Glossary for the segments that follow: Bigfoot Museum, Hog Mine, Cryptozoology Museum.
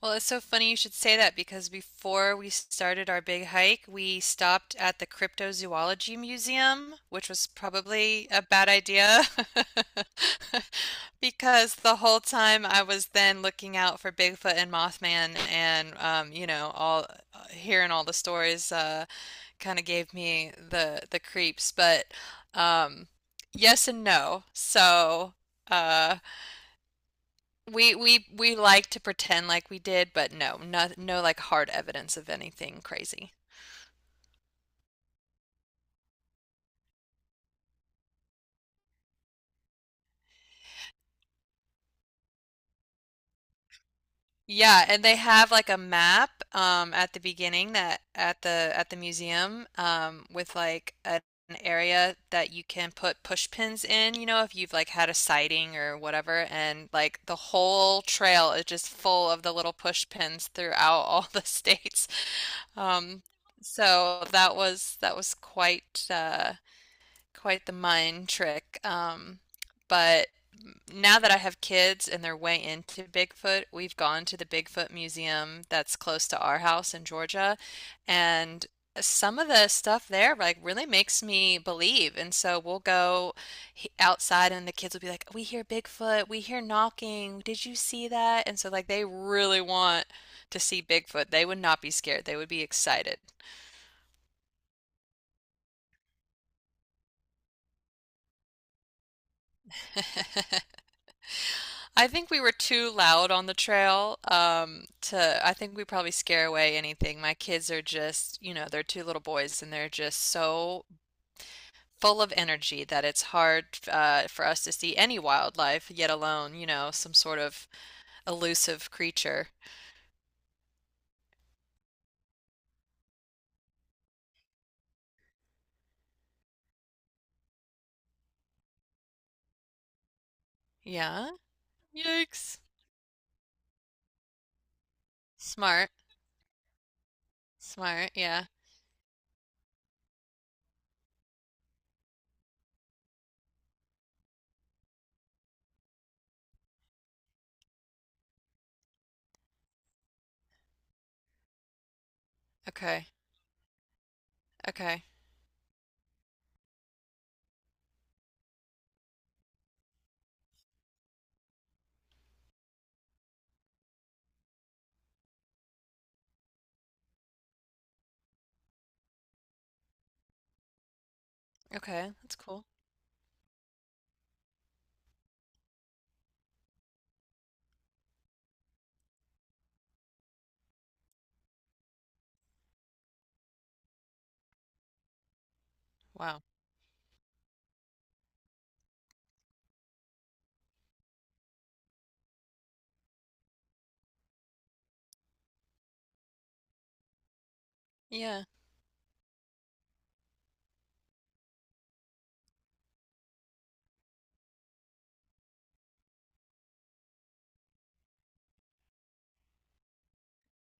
Well, it's so funny you should say that because before we started our big hike, we stopped at the Cryptozoology Museum, which was probably a bad idea. Because the whole time I was then looking out for Bigfoot and Mothman and all hearing all the stories kind of gave me the creeps, but um yes and no. So, uh we like to pretend like we did, but no, no, no like hard evidence of anything crazy. Yeah, and they have like a map at the beginning that at the museum with like an area that you can put push pins in, you know, if you've like had a sighting or whatever, and like the whole trail is just full of the little push pins throughout all the states. Um so that was quite quite the mind trick. But now that I have kids and they're way into Bigfoot, we've gone to the Bigfoot Museum that's close to our house in Georgia, and some of the stuff there like really makes me believe. And so we'll go outside and the kids will be like, "We hear Bigfoot, we hear knocking. Did you see that?" And so like they really want to see Bigfoot. They would not be scared. They would be excited. I think we were too loud on the trail, to, I think we probably scare away anything. My kids are just, you know, they're two little boys and they're just so full of energy that it's hard, for us to see any wildlife, yet alone, you know, some sort of elusive creature. Yeah. Yikes. Smart. Smart. Yeah. Okay. Okay. Okay. That's cool. Wow. Yeah.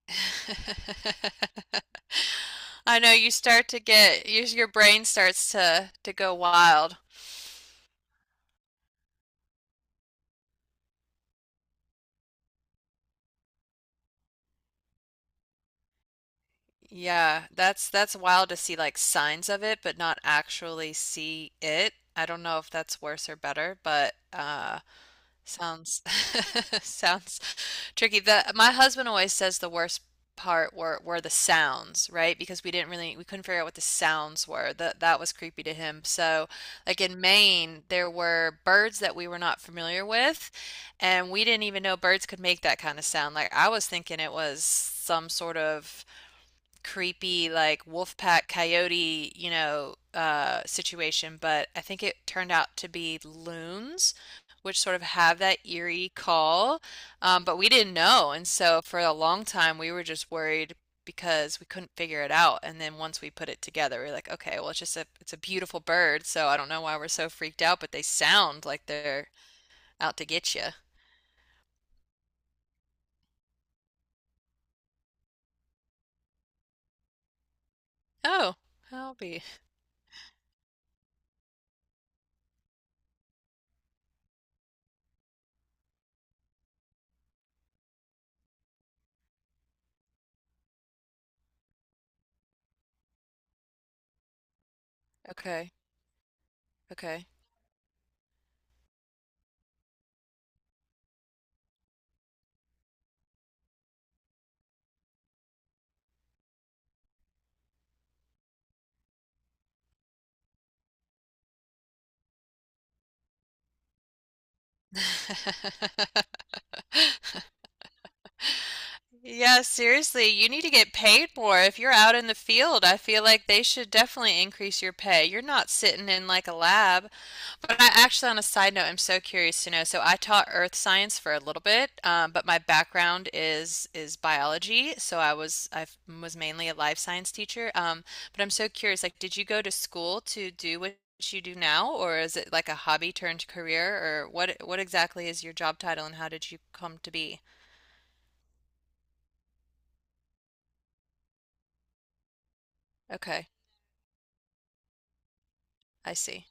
I know, you start to get your brain starts to go wild. Yeah, that's wild to see like signs of it, but not actually see it. I don't know if that's worse or better, but sounds sounds tricky. The My husband always says the worst part were the sounds, right? Because we didn't really, we couldn't figure out what the sounds were. That was creepy to him. So, like in Maine, there were birds that we were not familiar with, and we didn't even know birds could make that kind of sound. Like I was thinking it was some sort of creepy like wolf pack coyote, you know, situation, but I think it turned out to be loons, which sort of have that eerie call. But we didn't know, and so for a long time we were just worried because we couldn't figure it out. And then once we put it together, we we're like, okay, well, it's just a, it's a beautiful bird, so I don't know why we're so freaked out, but they sound like they're out to get you. Oh, I'll be okay, okay. Yeah, seriously, you need to get paid more. If you're out in the field, I feel like they should definitely increase your pay. You're not sitting in like a lab. But I actually, on a side note, I'm so curious to know. So I taught earth science for a little bit, but my background is biology. So I was was mainly a life science teacher. But I'm so curious, like, did you go to school to do what you do now, or is it like a hobby turned career, or what exactly is your job title and how did you come to be? Okay, I see.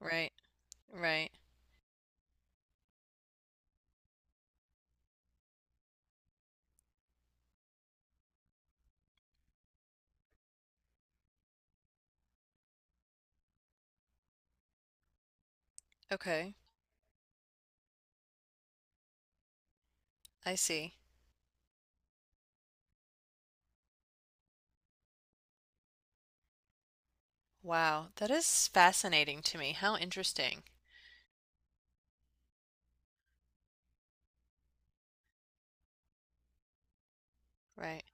Right, right. Okay, I see. Wow, that is fascinating to me. How interesting. Right.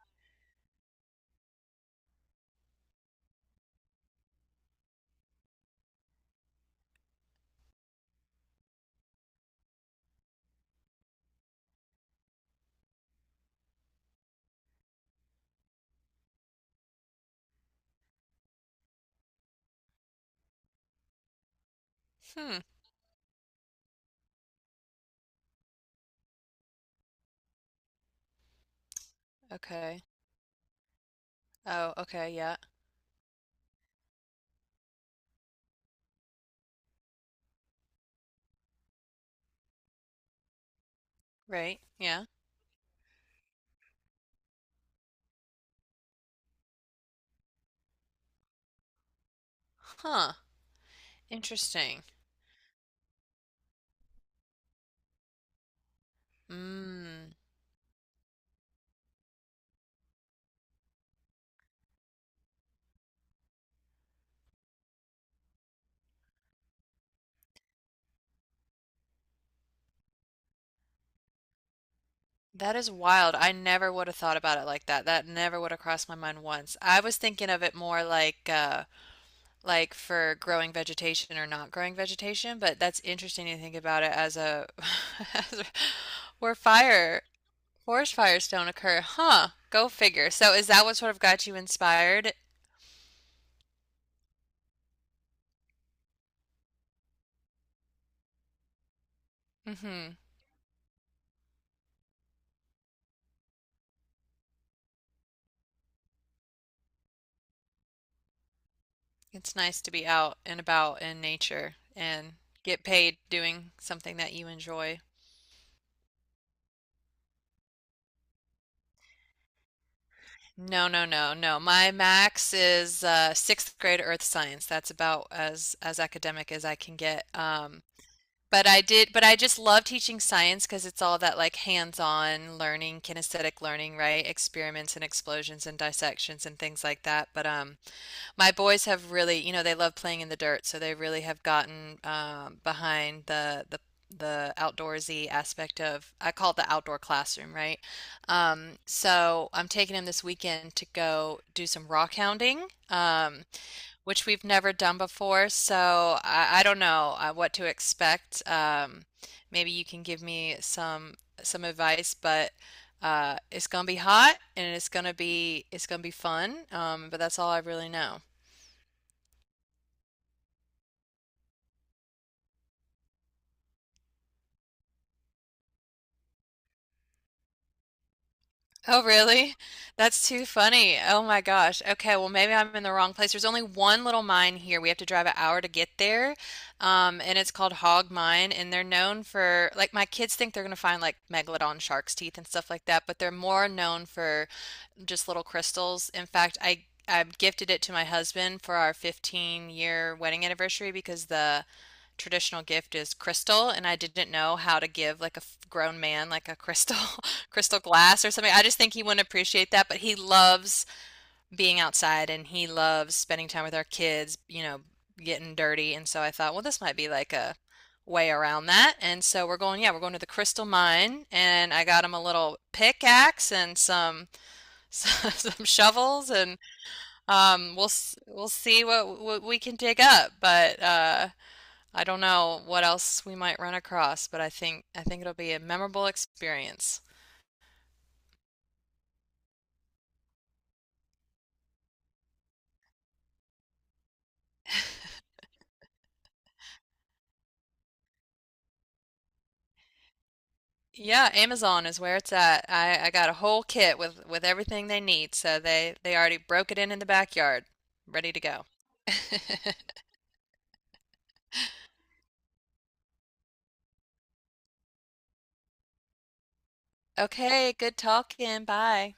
Hmm. Okay. Oh, okay, yeah. Right. Yeah. Huh. Interesting. Mm. That is wild. I never would have thought about it like that. That never would have crossed my mind once. I was thinking of it more like for growing vegetation or not growing vegetation, but that's interesting to think about it as a as a, where fire, forest fires don't occur. Huh. Go figure. So is that what sort of got you inspired? Hmm. It's nice to be out and about in nature and get paid doing something that you enjoy. No, no, no, no. My max is sixth grade earth science. That's about as academic as I can get. But I did, but I just love teaching science because it's all that like hands-on learning, kinesthetic learning, right? Experiments and explosions and dissections and things like that. But my boys have really, you know, they love playing in the dirt, so they really have gotten behind the the outdoorsy aspect of, I call it the outdoor classroom, right? So I'm taking him this weekend to go do some rock hounding, which we've never done before. So I don't know what to expect. Maybe you can give me some advice, but it's gonna be hot and it's gonna be fun. But that's all I really know. Oh, really? That's too funny. Oh my gosh. Okay, well maybe I'm in the wrong place. There's only one little mine here. We have to drive an hour to get there. And it's called Hog Mine, and they're known for, like, my kids think they're gonna find like megalodon shark's teeth and stuff like that, but they're more known for just little crystals. In fact, I gifted it to my husband for our 15-year wedding anniversary because the traditional gift is crystal and I didn't know how to give like a grown man like a crystal crystal glass or something. I just think he wouldn't appreciate that, but he loves being outside and he loves spending time with our kids, you know, getting dirty. And so I thought, well, this might be like a way around that. And so we're going, yeah, we're going to the crystal mine and I got him a little pickaxe and some some shovels and we'll see what we can dig up, but I don't know what else we might run across, but I think it'll be a memorable experience. Yeah, Amazon is where it's at. I got a whole kit with everything they need, so they already broke it in the backyard, ready to go. Okay, good talking. Bye.